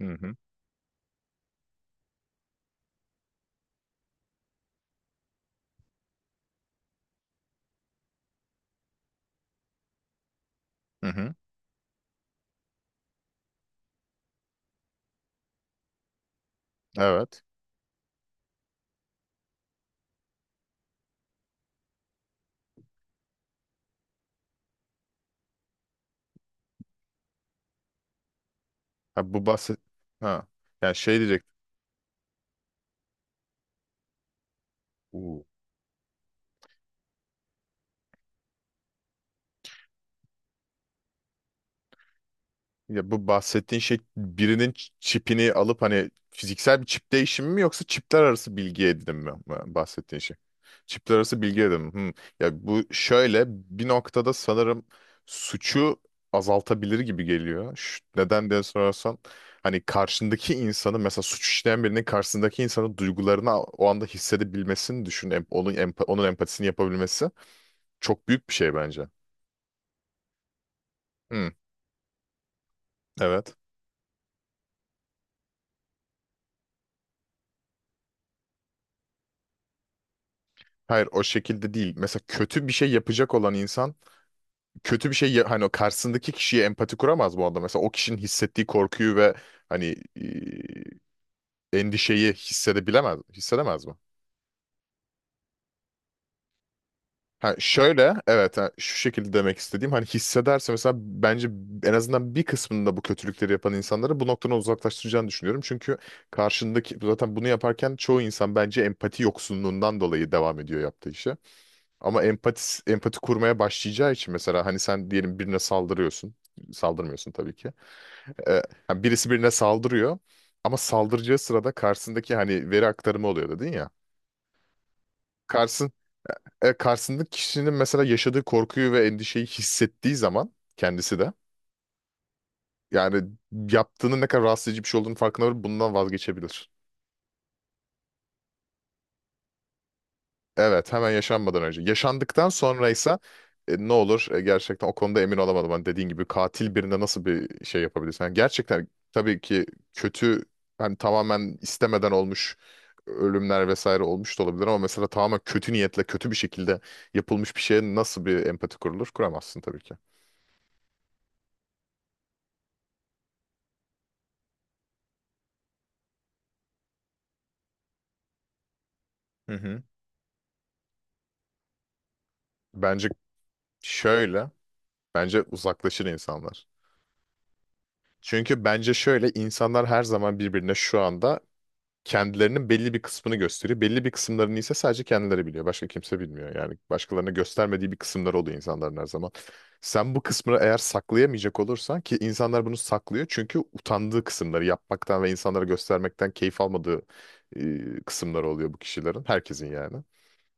Hı hı. Hı hı. Evet. Ha, bu bahset ha. Yani şey diyecek. Uu. Ya bu bahsettiğin şey birinin çipini alıp hani fiziksel bir çip değişimi mi yoksa çipler arası bilgi edinim mi bu bahsettiğin şey? Çipler arası bilgi edinim. Hı. Ya bu şöyle bir noktada sanırım suçu azaltabilir gibi geliyor. Neden diye sorarsan hani karşındaki insanı mesela suç işleyen birinin karşısındaki insanın duygularını o anda hissedebilmesini düşün. Onun, onun empatisini yapabilmesi. Çok büyük bir şey bence. Hı, evet. Hayır, o şekilde değil. Mesela kötü bir şey yapacak olan insan kötü bir şey hani o karşısındaki kişiye empati kuramaz bu arada. Mesela o kişinin hissettiği korkuyu ve hani endişeyi hissedemez mi? Ha, şöyle evet, ha, şu şekilde demek istediğim hani hissederse mesela bence en azından bir kısmında bu kötülükleri yapan insanları bu noktadan uzaklaştıracağını düşünüyorum. Çünkü karşındaki zaten bunu yaparken çoğu insan bence empati yoksunluğundan dolayı devam ediyor yaptığı işe. Ama empati kurmaya başlayacağı için mesela hani sen diyelim birine saldırıyorsun. Saldırmıyorsun tabii ki. Ee, Hani birisi birine saldırıyor ama saldıracağı sırada karşısındaki hani veri aktarımı oluyor dedin ya. Karşısın, Karşısındaki kişinin mesela yaşadığı korkuyu ve endişeyi hissettiği zaman kendisi de yani yaptığının ne kadar rahatsız edici bir şey olduğunu farkına varıp bundan vazgeçebilir. Evet, hemen yaşanmadan önce. Yaşandıktan sonraysa ne olur? Gerçekten o konuda emin olamadım. Hani dediğin gibi katil birine nasıl bir şey yapabilirsin? Yani gerçekten tabii ki kötü, hani tamamen istemeden olmuş ölümler vesaire olmuş da olabilir ama mesela tamamen kötü niyetle kötü bir şekilde yapılmış bir şeye nasıl bir empati kurulur? Kuramazsın tabii ki. Hı hı. Bence şöyle, bence uzaklaşır insanlar. Çünkü bence şöyle, insanlar her zaman birbirine şu anda kendilerinin belli bir kısmını gösteriyor. Belli bir kısımlarını ise sadece kendileri biliyor. Başka kimse bilmiyor. Yani başkalarına göstermediği bir kısımları oluyor insanların her zaman. Sen bu kısmını eğer saklayamayacak olursan, ki insanlar bunu saklıyor çünkü utandığı kısımları yapmaktan ve insanlara göstermekten keyif almadığı kısımları oluyor bu kişilerin. Herkesin yani.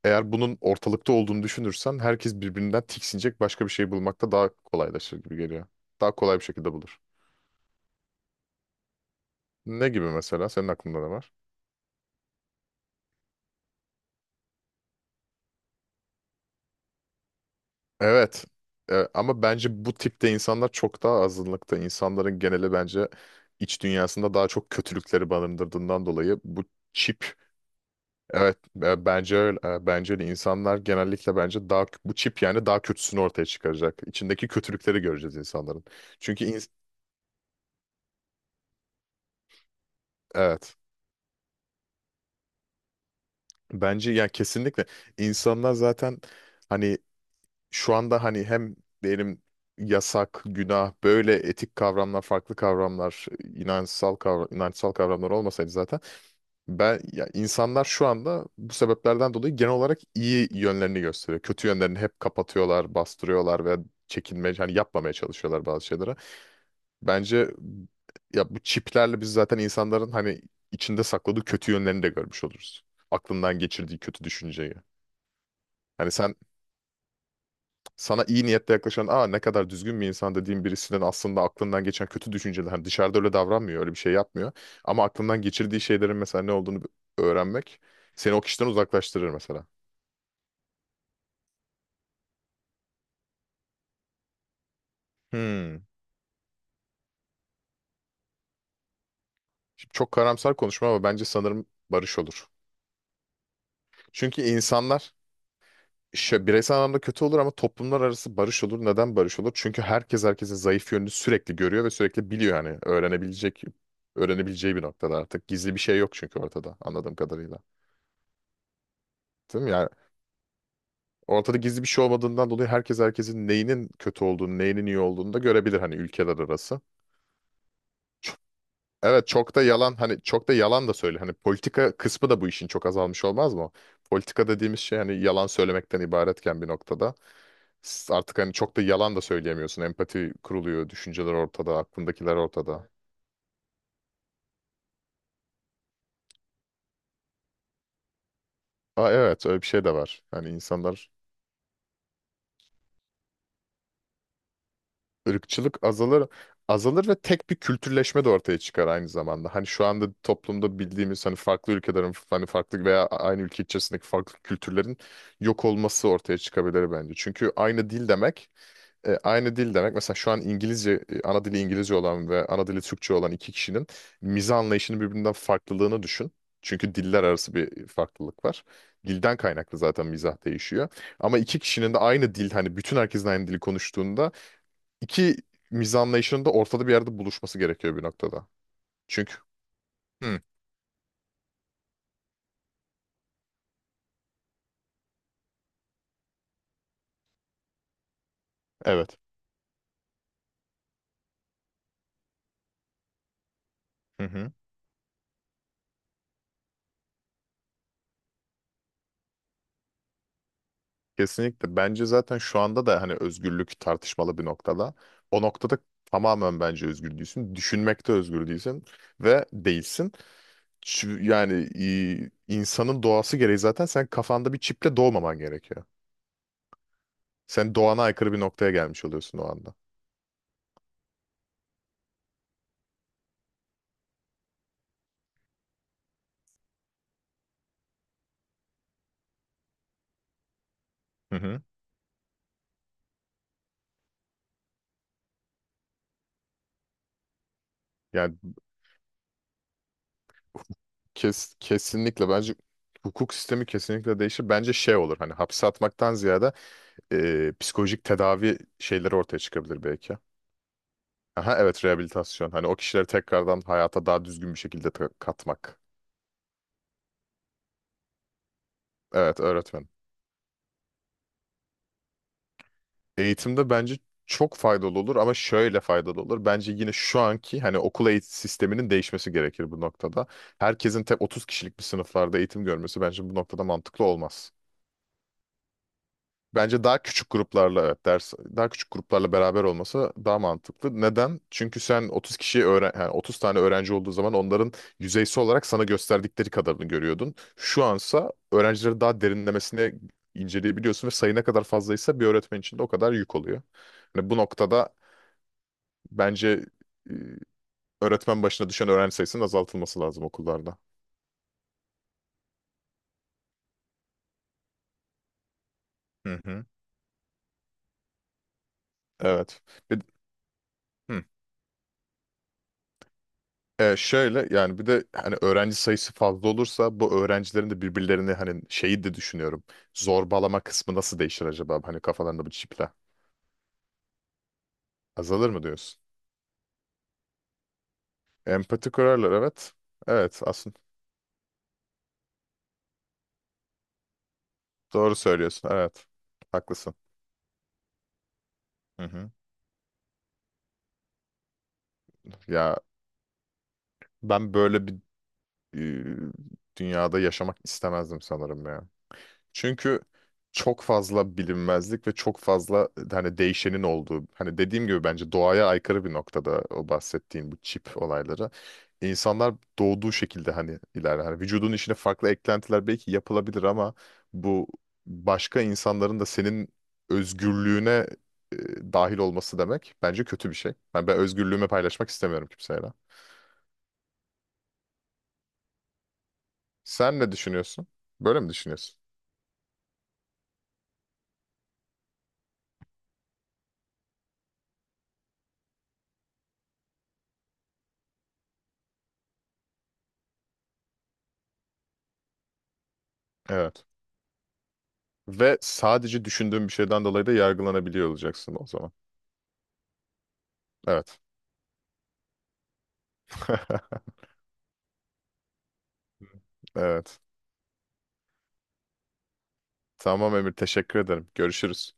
Eğer bunun ortalıkta olduğunu düşünürsen, herkes birbirinden tiksinecek başka bir şey bulmakta daha kolaylaşır gibi geliyor. Daha kolay bir şekilde bulur. Ne gibi mesela? Senin aklında ne var? Evet. Ama bence bu tipte insanlar çok daha azınlıkta. İnsanların geneli bence iç dünyasında daha çok kötülükleri barındırdığından dolayı bu çip, evet, bence öyle. Bence de insanlar genellikle bence daha bu çip yani daha kötüsünü ortaya çıkaracak. İçindeki kötülükleri göreceğiz insanların. Çünkü ins- evet, bence yani kesinlikle insanlar zaten hani şu anda hani hem diyelim yasak, günah, böyle etik kavramlar, farklı kavramlar, inançsal kavramlar olmasaydı zaten ben ya insanlar şu anda bu sebeplerden dolayı genel olarak iyi yönlerini gösteriyor. Kötü yönlerini hep kapatıyorlar, bastırıyorlar ve çekinmeye, hani yapmamaya çalışıyorlar bazı şeylere. Bence ya bu çiplerle biz zaten insanların hani içinde sakladığı kötü yönlerini de görmüş oluruz. Aklından geçirdiği kötü düşünceyi. Hani sana iyi niyetle yaklaşan, aa, ne kadar düzgün bir insan dediğin birisinin aslında aklından geçen kötü düşünceler, hani dışarıda öyle davranmıyor, öyle bir şey yapmıyor ama aklından geçirdiği şeylerin mesela ne olduğunu öğrenmek seni o kişiden uzaklaştırır mesela. Hmm. Şimdi çok karamsar konuşma ama bence sanırım barış olur. Çünkü insanlar bireysel anlamda kötü olur ama toplumlar arası barış olur. Neden barış olur? Çünkü herkes herkesin zayıf yönünü sürekli görüyor ve sürekli biliyor, yani öğrenebileceği bir noktada artık. Gizli bir şey yok çünkü ortada, anladığım kadarıyla. Değil mi? Yani ortada gizli bir şey olmadığından dolayı herkes herkesin neyinin kötü olduğunu, neyinin iyi olduğunu da görebilir hani, ülkeler arası. Ç- Evet, çok da yalan, hani çok da yalan da söyle. Hani politika kısmı da bu işin çok azalmış olmaz mı? Politika dediğimiz şey hani yalan söylemekten ibaretken, bir noktada artık hani çok da yalan da söyleyemiyorsun. Empati kuruluyor, düşünceler ortada, aklındakiler ortada. Aa, evet, öyle bir şey de var. Hani insanlar, ırkçılık azalır. Azalır ve tek bir kültürleşme de ortaya çıkar aynı zamanda. Hani şu anda toplumda bildiğimiz hani farklı ülkelerin, hani farklı veya aynı ülke içerisindeki farklı kültürlerin yok olması ortaya çıkabilir bence. Çünkü aynı dil demek mesela, şu an İngilizce, ana dili İngilizce olan ve ana dili Türkçe olan iki kişinin mizah anlayışının birbirinden farklılığını düşün. Çünkü diller arası bir farklılık var. Dilden kaynaklı zaten mizah değişiyor. Ama iki kişinin de aynı dil, hani bütün herkesin aynı dili konuştuğunda İki mizah anlayışının da ortada bir yerde buluşması gerekiyor bir noktada. Çünkü Hı, evet. Hı hı. Kesinlikle. Bence zaten şu anda da hani özgürlük tartışmalı bir noktada. O noktada tamamen bence özgür değilsin. Düşünmekte özgür değilsin ve değilsin. Yani insanın doğası gereği zaten sen kafanda bir çiple doğmaman gerekiyor. Sen doğana aykırı bir noktaya gelmiş oluyorsun o anda. Hı hı. Yani kesinlikle bence hukuk sistemi kesinlikle değişir. Bence şey olur, hani hapse atmaktan ziyade psikolojik tedavi şeyleri ortaya çıkabilir belki. Aha, evet, rehabilitasyon. Hani o kişileri tekrardan hayata daha düzgün bir şekilde katmak. Evet, öğretmen. Eğitimde bence çok faydalı olur ama şöyle faydalı olur. Bence yine şu anki hani okul eğitim sisteminin değişmesi gerekir bu noktada. Herkesin tek 30 kişilik bir sınıflarda eğitim görmesi bence bu noktada mantıklı olmaz. Bence daha küçük gruplarla, evet, ders daha küçük gruplarla beraber olması daha mantıklı. Neden? Çünkü sen 30 kişiyi öğren, yani 30 tane öğrenci olduğu zaman onların yüzeysel olarak sana gösterdikleri kadarını görüyordun. Şu ansa öğrencileri daha derinlemesine inceleyebiliyorsun ve sayı ne kadar fazlaysa bir öğretmen için de o kadar yük oluyor. Yani bu noktada bence e, öğretmen başına düşen öğrenci sayısının azaltılması lazım okullarda. Hı hı. Evet. Bir, hı. Şöyle yani, bir de hani öğrenci sayısı fazla olursa bu öğrencilerin de birbirlerini hani şeyi de düşünüyorum. Zorbalama kısmı nasıl değişir acaba? Hani kafalarında bu çiple. Azalır mı diyorsun? Empati kurarlar, evet. Evet, aslında doğru söylüyorsun, evet. Haklısın. Hı hı. Ya ben böyle bir e, dünyada yaşamak istemezdim sanırım ya. Çünkü çok fazla bilinmezlik ve çok fazla hani değişenin olduğu, hani dediğim gibi bence doğaya aykırı bir noktada o bahsettiğin bu çip olayları. İnsanlar doğduğu şekilde hani ilerler. Hani vücudun içine farklı eklentiler belki yapılabilir ama bu başka insanların da senin özgürlüğüne e, dahil olması demek bence kötü bir şey. Yani ben özgürlüğümü paylaşmak istemiyorum kimseyle. Sen ne düşünüyorsun? Böyle mi düşünüyorsun? Evet. Ve sadece düşündüğün bir şeyden dolayı da yargılanabiliyor olacaksın o zaman. Evet. Evet. Tamam Emir, teşekkür ederim. Görüşürüz.